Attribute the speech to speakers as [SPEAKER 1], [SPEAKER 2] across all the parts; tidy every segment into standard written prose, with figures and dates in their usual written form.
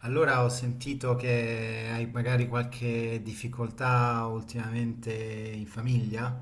[SPEAKER 1] Allora ho sentito che hai magari qualche difficoltà ultimamente in famiglia,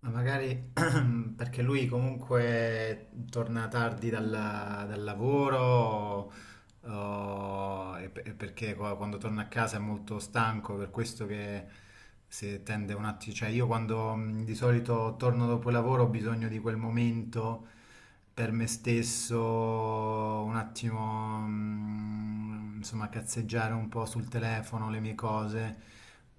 [SPEAKER 1] ma magari perché lui comunque torna tardi dal lavoro e perché quando torna a casa è molto stanco, per questo che si tende un attimo. Cioè io quando di solito torno dopo il lavoro ho bisogno di quel momento per me stesso, un attimo, insomma, cazzeggiare un po' sul telefono, le mie cose.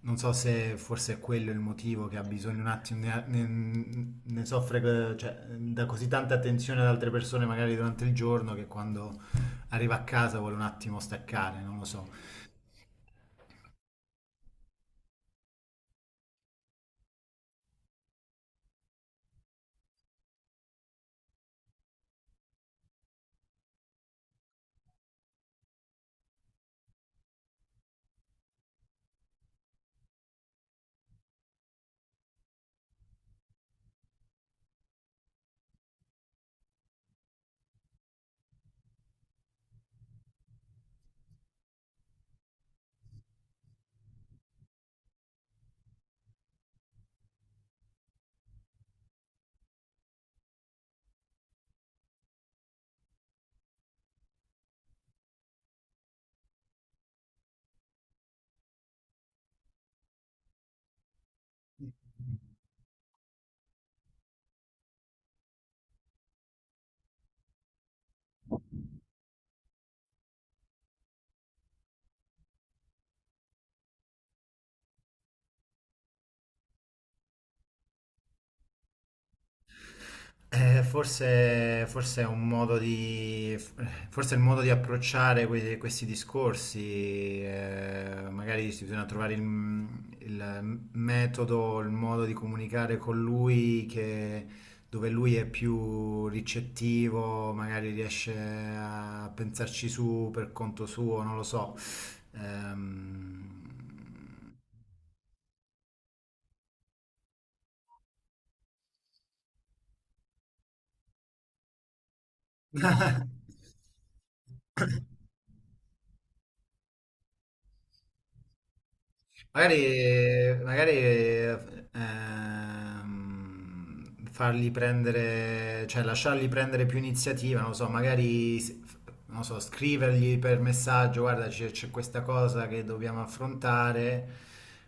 [SPEAKER 1] Non so se forse è quello il motivo, che ha bisogno un attimo, ne soffre, cioè, da così tanta attenzione ad altre persone magari durante il giorno, che quando arriva a casa vuole un attimo staccare, non lo so. Forse è un modo di, forse è il modo di approcciare questi discorsi, magari si bisogna trovare il metodo, il modo di comunicare con lui dove lui è più ricettivo, magari riesce a pensarci su per conto suo, non lo so. Ehm... Magari, magari fargli prendere, cioè lasciargli prendere più iniziativa, non lo so, magari, non lo so, scrivergli per messaggio: guarda, c'è questa cosa che dobbiamo affrontare,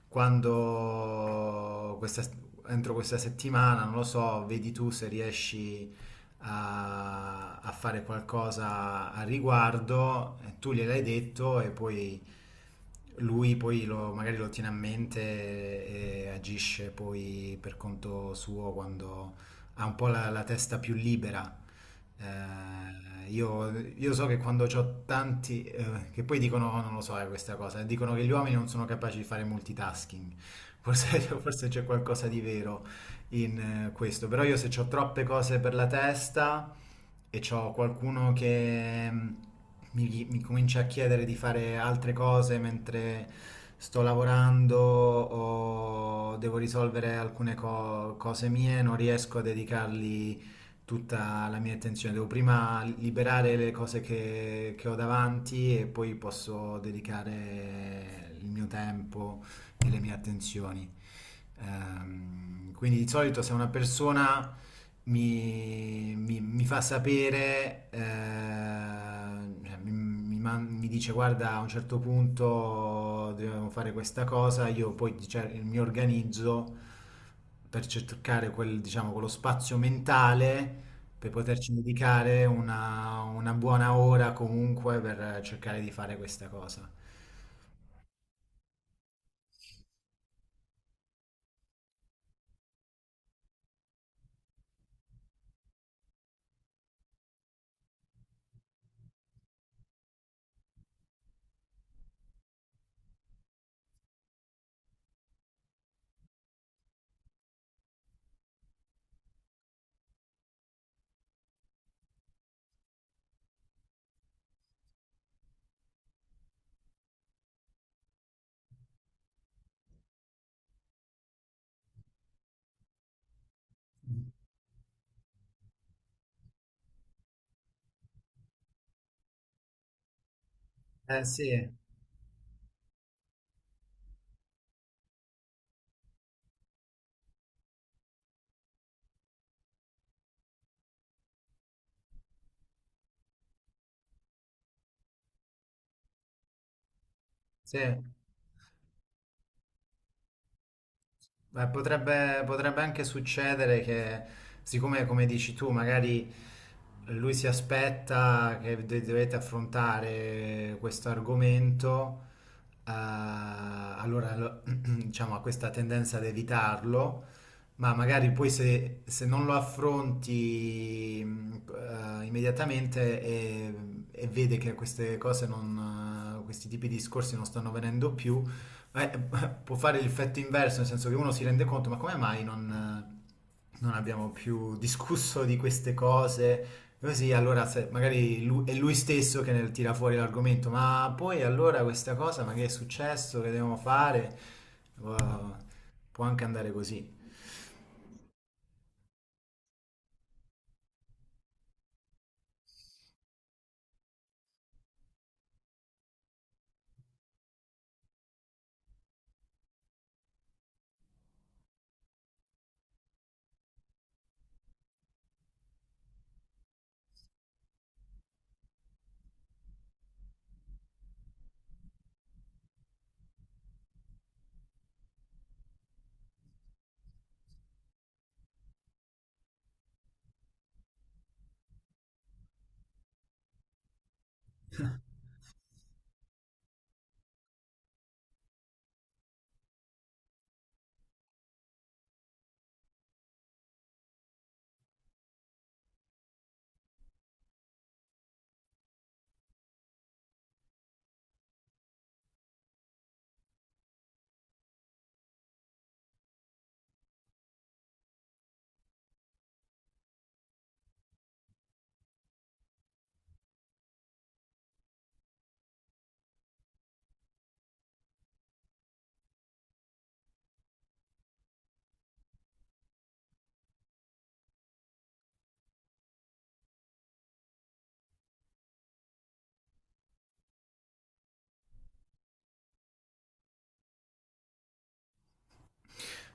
[SPEAKER 1] quando questa, entro questa settimana, non lo so, vedi tu se riesci a fare qualcosa a riguardo. Eh, tu gliel'hai detto e poi lui poi magari lo tiene a mente e agisce poi per conto suo quando ha un po' la testa più libera. Io so che quando ho tanti, che poi dicono: "Oh, non lo so, questa cosa", dicono che gli uomini non sono capaci di fare multitasking. Forse, forse c'è qualcosa di vero in questo, però io, se ho troppe cose per la testa e ho qualcuno che mi comincia a chiedere di fare altre cose mentre sto lavorando o devo risolvere alcune cose mie, non riesco a dedicargli tutta la mia attenzione. Devo prima liberare le cose che ho davanti e poi posso dedicare il mio tempo e le mie attenzioni. Quindi di solito, se una persona mi fa sapere, cioè, mi dice: guarda, a un certo punto dobbiamo fare questa cosa, io poi mi organizzo per cercare quel, diciamo, quello spazio mentale per poterci dedicare una buona ora comunque, per cercare di fare questa cosa. Eh sì, sì. Potrebbe, potrebbe anche succedere che, siccome come dici tu, magari lui si aspetta che dovete affrontare questo argomento, allora diciamo, ha questa tendenza ad evitarlo, ma magari poi se, se non lo affronti immediatamente, e vede che queste cose non, questi tipi di discorsi non stanno venendo più, eh, può fare l'effetto inverso, nel senso che uno si rende conto: ma come mai non, non abbiamo più discusso di queste cose? Così allora è lui stesso che ne tira fuori l'argomento: ma poi allora questa cosa, ma che è successo, che dobbiamo fare? Può Può anche andare così.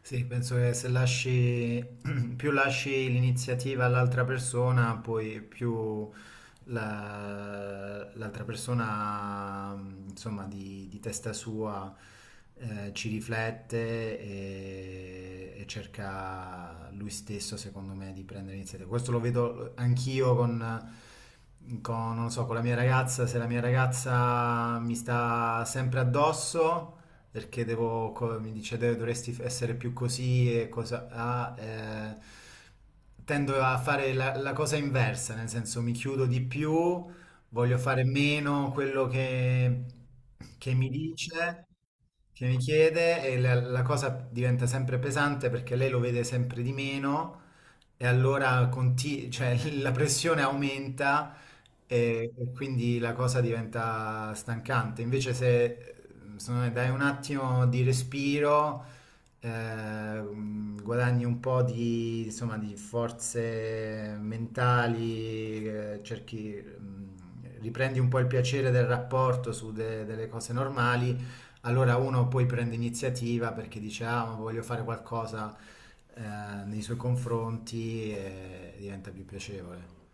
[SPEAKER 1] Sì, penso che se lasci, più lasci l'iniziativa all'altra persona, poi più l'altra persona, insomma, di testa sua, ci riflette e cerca lui stesso, secondo me, di prendere iniziativa. Questo lo vedo anch'io con, non so, con la mia ragazza. Se la mia ragazza mi sta sempre addosso perché devo, mi dice: "Deve- dovresti essere più così e cosa..." Ah, tendo a fare la cosa inversa, nel senso mi chiudo di più, voglio fare meno quello che mi dice, che mi chiede, e la cosa diventa sempre pesante, perché lei lo vede sempre di meno e allora cioè, la pressione aumenta e quindi la cosa diventa stancante. Invece se secondo me, dai un attimo di respiro, guadagni un po' di, insomma, di forze mentali, cerchi, riprendi un po' il piacere del rapporto su delle cose normali, allora uno poi prende iniziativa perché dice: ah, ma voglio fare qualcosa eh, nei suoi confronti, e diventa più piacevole.